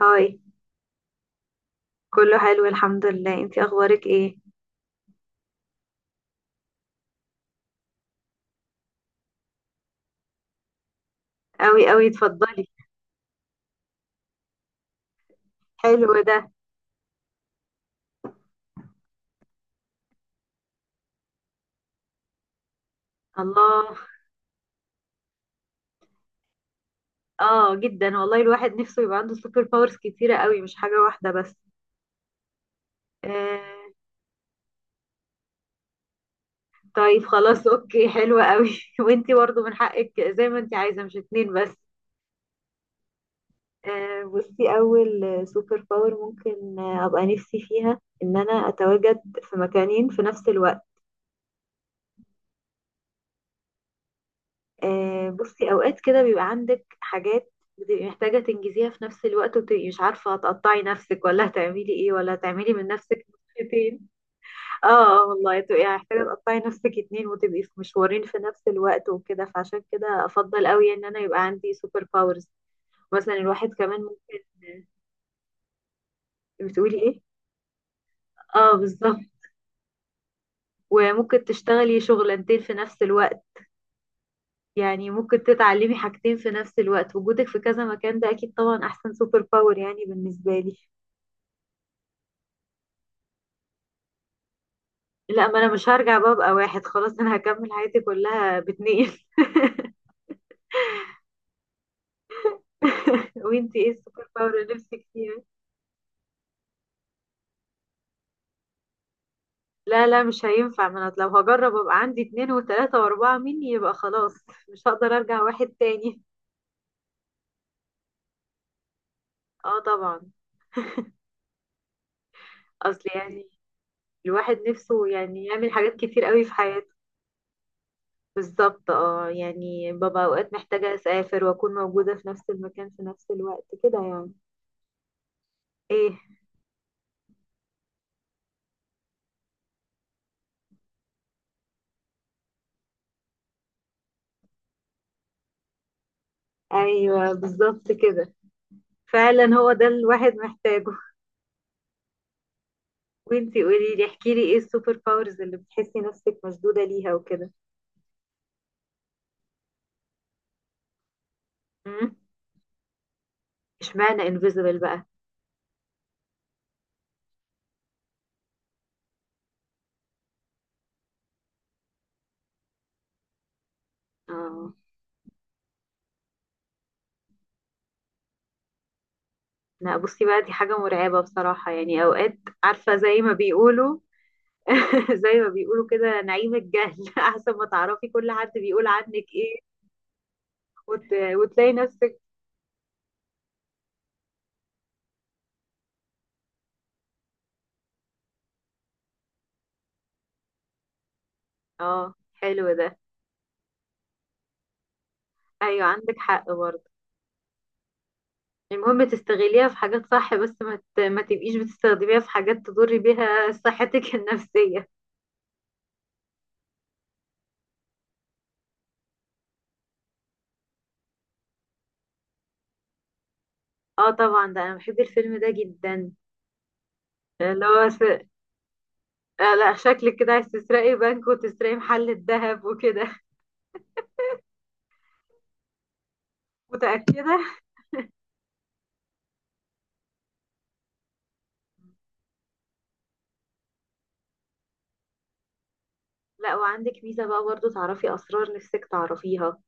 هاي. كله حلو الحمد لله، انتي اخبارك ايه؟ قوي قوي، اتفضلي. حلو ده. الله. اه جدا والله، الواحد نفسه يبقى عنده سوبر باورز كتيرة قوي، مش حاجة واحدة بس. آه. طيب خلاص اوكي، حلوة قوي وانتي برضو من حقك، زي ما انتي عايزة مش اتنين بس. آه بصي، اول سوبر باور ممكن ابقى نفسي فيها ان انا اتواجد في مكانين في نفس الوقت. بصي، اوقات كده بيبقى عندك حاجات بتبقي محتاجة تنجزيها في نفس الوقت، وبتبقي مش عارفة هتقطعي نفسك ولا هتعملي ايه ولا هتعملي من نفسك نسختين. اه. والله تبقي محتاجة تقطعي نفسك اتنين وتبقي في مشوارين في نفس الوقت وكده، فعشان كده افضل قوي ان انا يبقى عندي سوبر باورز. مثلا الواحد كمان ممكن. بتقولي ايه؟ اه بالظبط. وممكن تشتغلي شغلانتين في نفس الوقت. يعني ممكن تتعلمي حاجتين في نفس الوقت، وجودك في كذا مكان ده اكيد طبعا احسن سوبر باور يعني بالنسبة لي. لا، ما انا مش هرجع بقى ابقى واحد، خلاص انا هكمل حياتي كلها باتنين. وانتي ايه السوبر باور اللي نفسك فيها؟ لا مش هينفع، ما انا لو هجرب ابقى عندي اتنين وتلاتة واربعة مني يبقى خلاص مش هقدر ارجع واحد تاني. اه طبعا. اصل يعني الواحد نفسه يعني يعمل حاجات كتير قوي في حياته. بالظبط، اه يعني ببقى اوقات محتاجة اسافر واكون موجودة في نفس المكان في نفس الوقت كده يعني. ايه؟ ايوه بالظبط كده، فعلا هو ده الواحد محتاجه. وانتي قولي لي، احكي لي ايه السوبر باورز اللي بتحسي نفسك مشدودة ليها وكده؟ امم. اشمعنى انفيزبل بقى؟ اه. لا بصي بقى، دي حاجة مرعبة بصراحة يعني اوقات. عارفة زي ما بيقولوا، زي ما بيقولوا كده، نعيم الجهل احسن ما تعرفي كل حد بيقول عنك ايه. وتلاقي نفسك. اه حلو ده. ايوه عندك حق برضه. المهم تستغليها في حاجات صح، بس ما ما تبقيش بتستخدميها في حاجات تضري بيها صحتك النفسية. اه طبعا، ده انا بحب الفيلم ده جدا. اللي هو س... آه لا، شكلك كده عايز تسرقي بنك وتسرقي محل الذهب وكده. متأكدة؟ لا وعندك ميزة بقى برضه، تعرفي اسرار نفسك تعرفيها،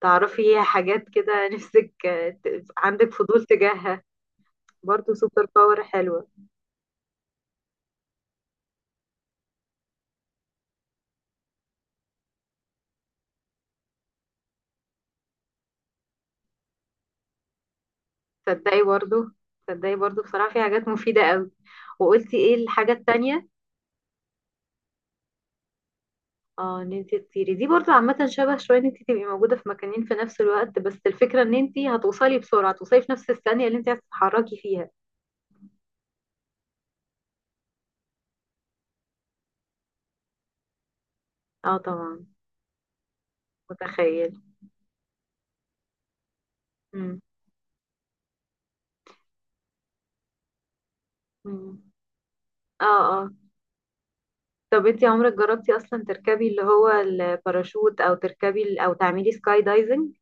تعرفي حاجات كده نفسك عندك فضول تجاهها. برضه سوبر باور حلوة. تصدقي برضو، تصدقي برضو بصراحة في حاجات مفيدة قوي. وقلتي ايه الحاجة التانية؟ اه ان انت تطيري دي برضو عامة شبه شوية ان انت تبقي موجودة في مكانين في نفس الوقت، بس الفكرة ان انت هتوصلي بسرعة، توصلي في نفس الثانية اللي انت هتتحركي فيها. اه طبعا. متخيل. مم. مم. اه اه. طب انت عمرك جربتي اصلا تركبي اللي هو الباراشوت او تركبي او تعملي سكاي دايزنج؟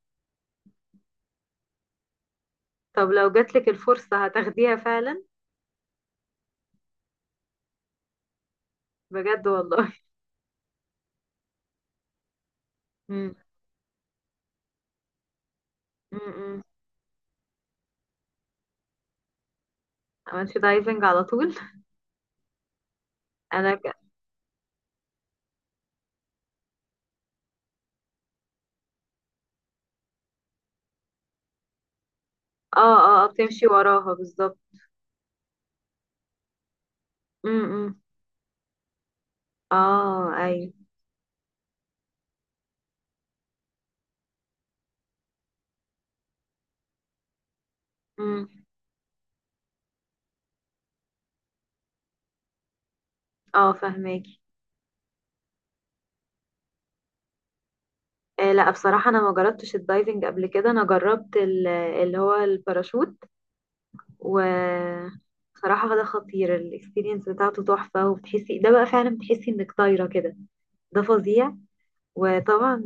طب لو جاتلك الفرصة هتاخديها فعلا؟ بجد والله؟ مم. مم. مم. عملتي دايفنج على طول؟ اه. اه بتمشي وراها بالظبط. امم إمم. اه ايوه. امم. اه فهماكي. آه لا بصراحة انا ما جربتش الدايفنج قبل كده، انا جربت اللي هو الباراشوت. و... بصراحة ده خطير، الاكسبيرينس بتاعته تحفة، وبتحسي ده بقى، فعلا بتحسي انك طايرة كده. ده فظيع. وطبعا،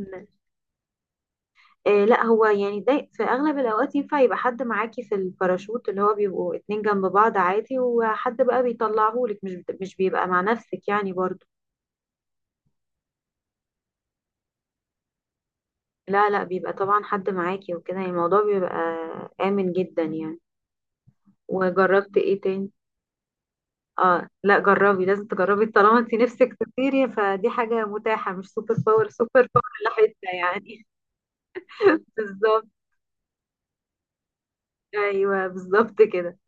آه لا هو يعني ده في اغلب الاوقات ينفع يبقى حد معاكي في الباراشوت، اللي هو بيبقوا اتنين جنب بعض عادي، وحد بقى بيطلعهولك، مش بيبقى مع نفسك يعني برضه. لا بيبقى طبعا حد معاكي وكده، يعني الموضوع بيبقى آمن جدا يعني. وجربت ايه تاني؟ اه لا جربي، لازم تجربي طالما انت نفسك تطيري، فدي حاجة متاحة، مش سوبر باور سوبر باور لا حتة يعني. بالظبط. ايوه بالظبط كده.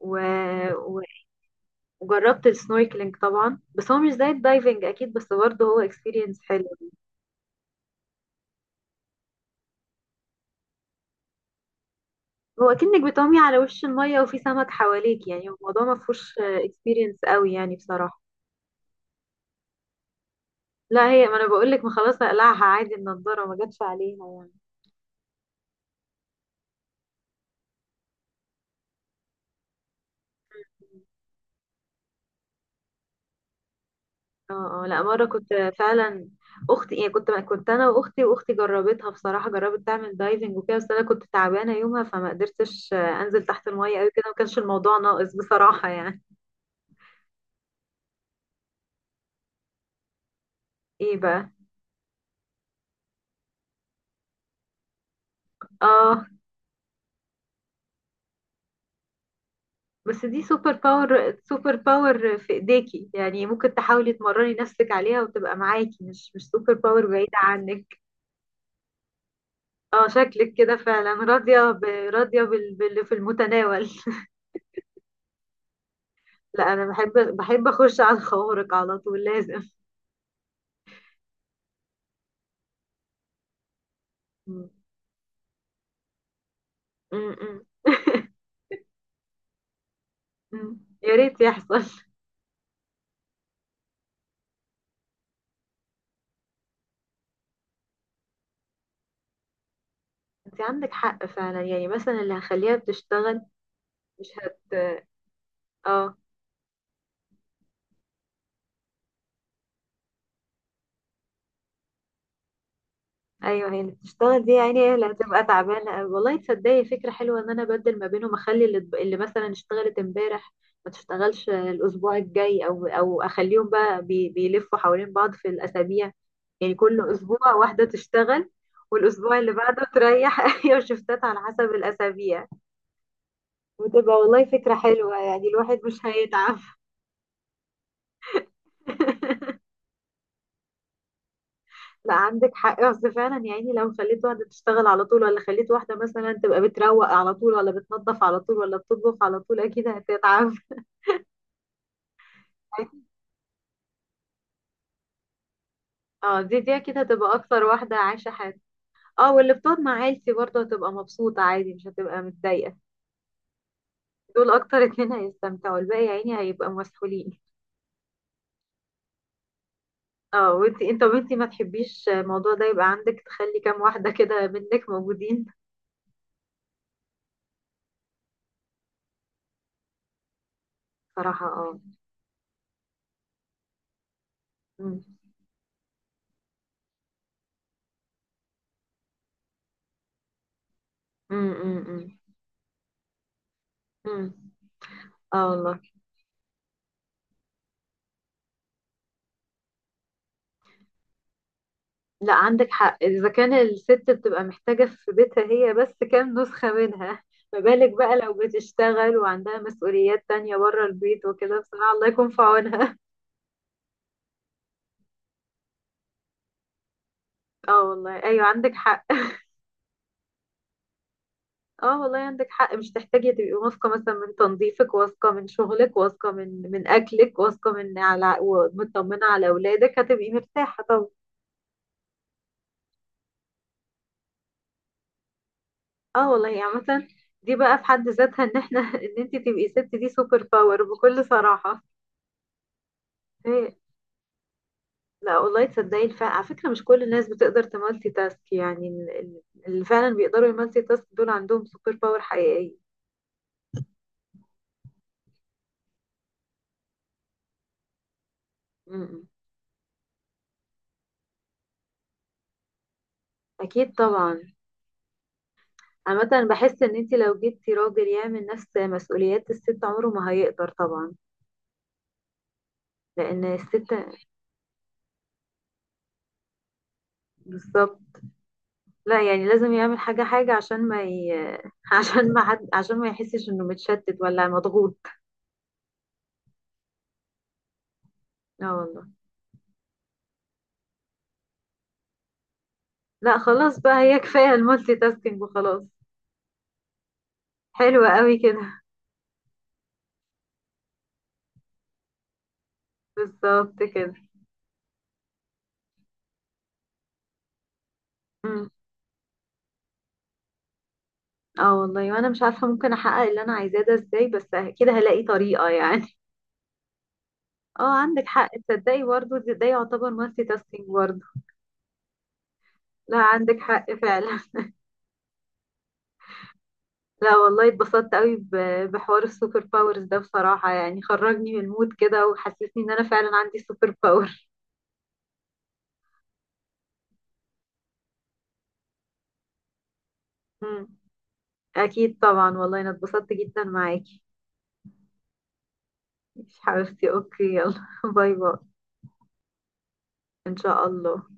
و... و... وجربت السنوركلينج طبعا، بس هو مش زي الدايفنج اكيد، بس برضه هو اكسبيرينس حلو. هو اكنك بتعومي على وش المية وفي سمك حواليك، يعني الموضوع ما فيهوش اكسبيرينس قوي يعني بصراحة. لا هي، ما انا بقول لك، ما خلاص هقلعها عادي النضاره، ما جاتش عليها يعني. اه اه، لا مره كنت، فعلا اختي، يعني كنت انا واختي، واختي جربتها بصراحه، جربت تعمل دايفنج وكده، بس انا كنت تعبانه يومها فما قدرتش انزل تحت الميه قوي كده، ما كانش الموضوع ناقص بصراحه يعني. ايه بقى؟ اه بس دي سوبر باور، سوبر باور في ايديكي يعني، ممكن تحاولي تمرني نفسك عليها وتبقى معاكي، مش سوبر باور بعيده عنك. اه شكلك كده فعلا راضيه راضيه باللي في المتناول. لا انا بحب، بحب اخش على الخوارق على طول لازم. م- م. يا ريت يحصل. انت عندك حق فعلا، يعني مثلا اللي هخليها بتشتغل مش هت اه ايوه، هي اللي بتشتغل دي يا عيني هي اللي هتبقى تعبانه قوي والله. تصدقي فكره حلوه ان انا ابدل ما بينهم، اخلي اللي مثلا اشتغلت امبارح ما تشتغلش الاسبوع الجاي، او او اخليهم بقى بيلفوا حوالين بعض في الاسابيع، يعني كل اسبوع واحده تشتغل، والاسبوع اللي بعده تريح. ايوه شفتات على حسب الاسابيع، وتبقى والله فكره حلوه يعني الواحد مش هيتعب. لا عندك حق، اصل فعلا يا عيني لو خليت واحده تشتغل على طول، ولا خليت واحده مثلا تبقى بتروق على طول، ولا بتنظف على طول، ولا بتطبخ على طول، اكيد هتتعب. اه دي، دي اكيد هتبقى اكتر واحده عايشه حياتها. اه واللي بتقعد مع عيلتي برضه هتبقى مبسوطه عادي مش هتبقى متضايقه. دول اكتر اتنين هيستمتعوا، الباقي يا عيني هيبقى مسحولين. اه وانتي، انت وانتي ما تحبيش الموضوع ده يبقى عندك تخلي كام واحده كده منك موجودين. صراحه اه. امم امم امم. اه والله. لا عندك حق، إذا كان الست بتبقى محتاجة في بيتها هي بس كام نسخة منها، ما بالك بقى لو بتشتغل وعندها مسؤوليات تانية بره البيت وكده، بصراحة الله يكون في عونها. اه والله ايوه عندك حق. اه والله عندك حق، مش تحتاجي تبقي واثقة مثلا من تنظيفك، واثقة من شغلك، واثقة من من أكلك، واثقة من على ومطمنة على أولادك، هتبقي مرتاحة طبعا. اه والله، يعني مثلا دي بقى في حد ذاتها، ان احنا ان انت تبقي ست دي سوبر باور بكل صراحة. هي. لا والله تصدقي على فكرة مش كل الناس بتقدر تمالتي تاسك يعني، اللي فعلا بيقدروا يمالتي تاسك دول عندهم سوبر باور حقيقية. م-م. أكيد طبعا. عامة بحس إن أنت لو جبتي راجل يعمل نفس مسؤوليات الست عمره ما هيقدر طبعا. لأن الست، بالظبط. لا يعني لازم يعمل حاجة عشان ما عشان ما حد، عشان ما يحسش إنه متشتت ولا مضغوط. اه والله. لا خلاص بقى، هي كفاية المالتي تاسكينج وخلاص. حلوة قوي كده. بالظبط كده. اه والله وانا مش عارفه ممكن احقق اللي انا عايزاه ده ازاي بس كده هلاقي طريقه يعني اه عندك حق. تصدقي برضه ده يعتبر مالتي تاسكينج برضه. لا عندك حق فعلا. لا والله اتبسطت قوي بحوار السوبر باورز ده بصراحه، يعني خرجني من المود كده وحسسني ان انا فعلا عندي سوبر باور. مم. اكيد طبعا والله انا اتبسطت جدا معاكي. مش حبيبتي اوكي يلا باي باي. ان شاء الله.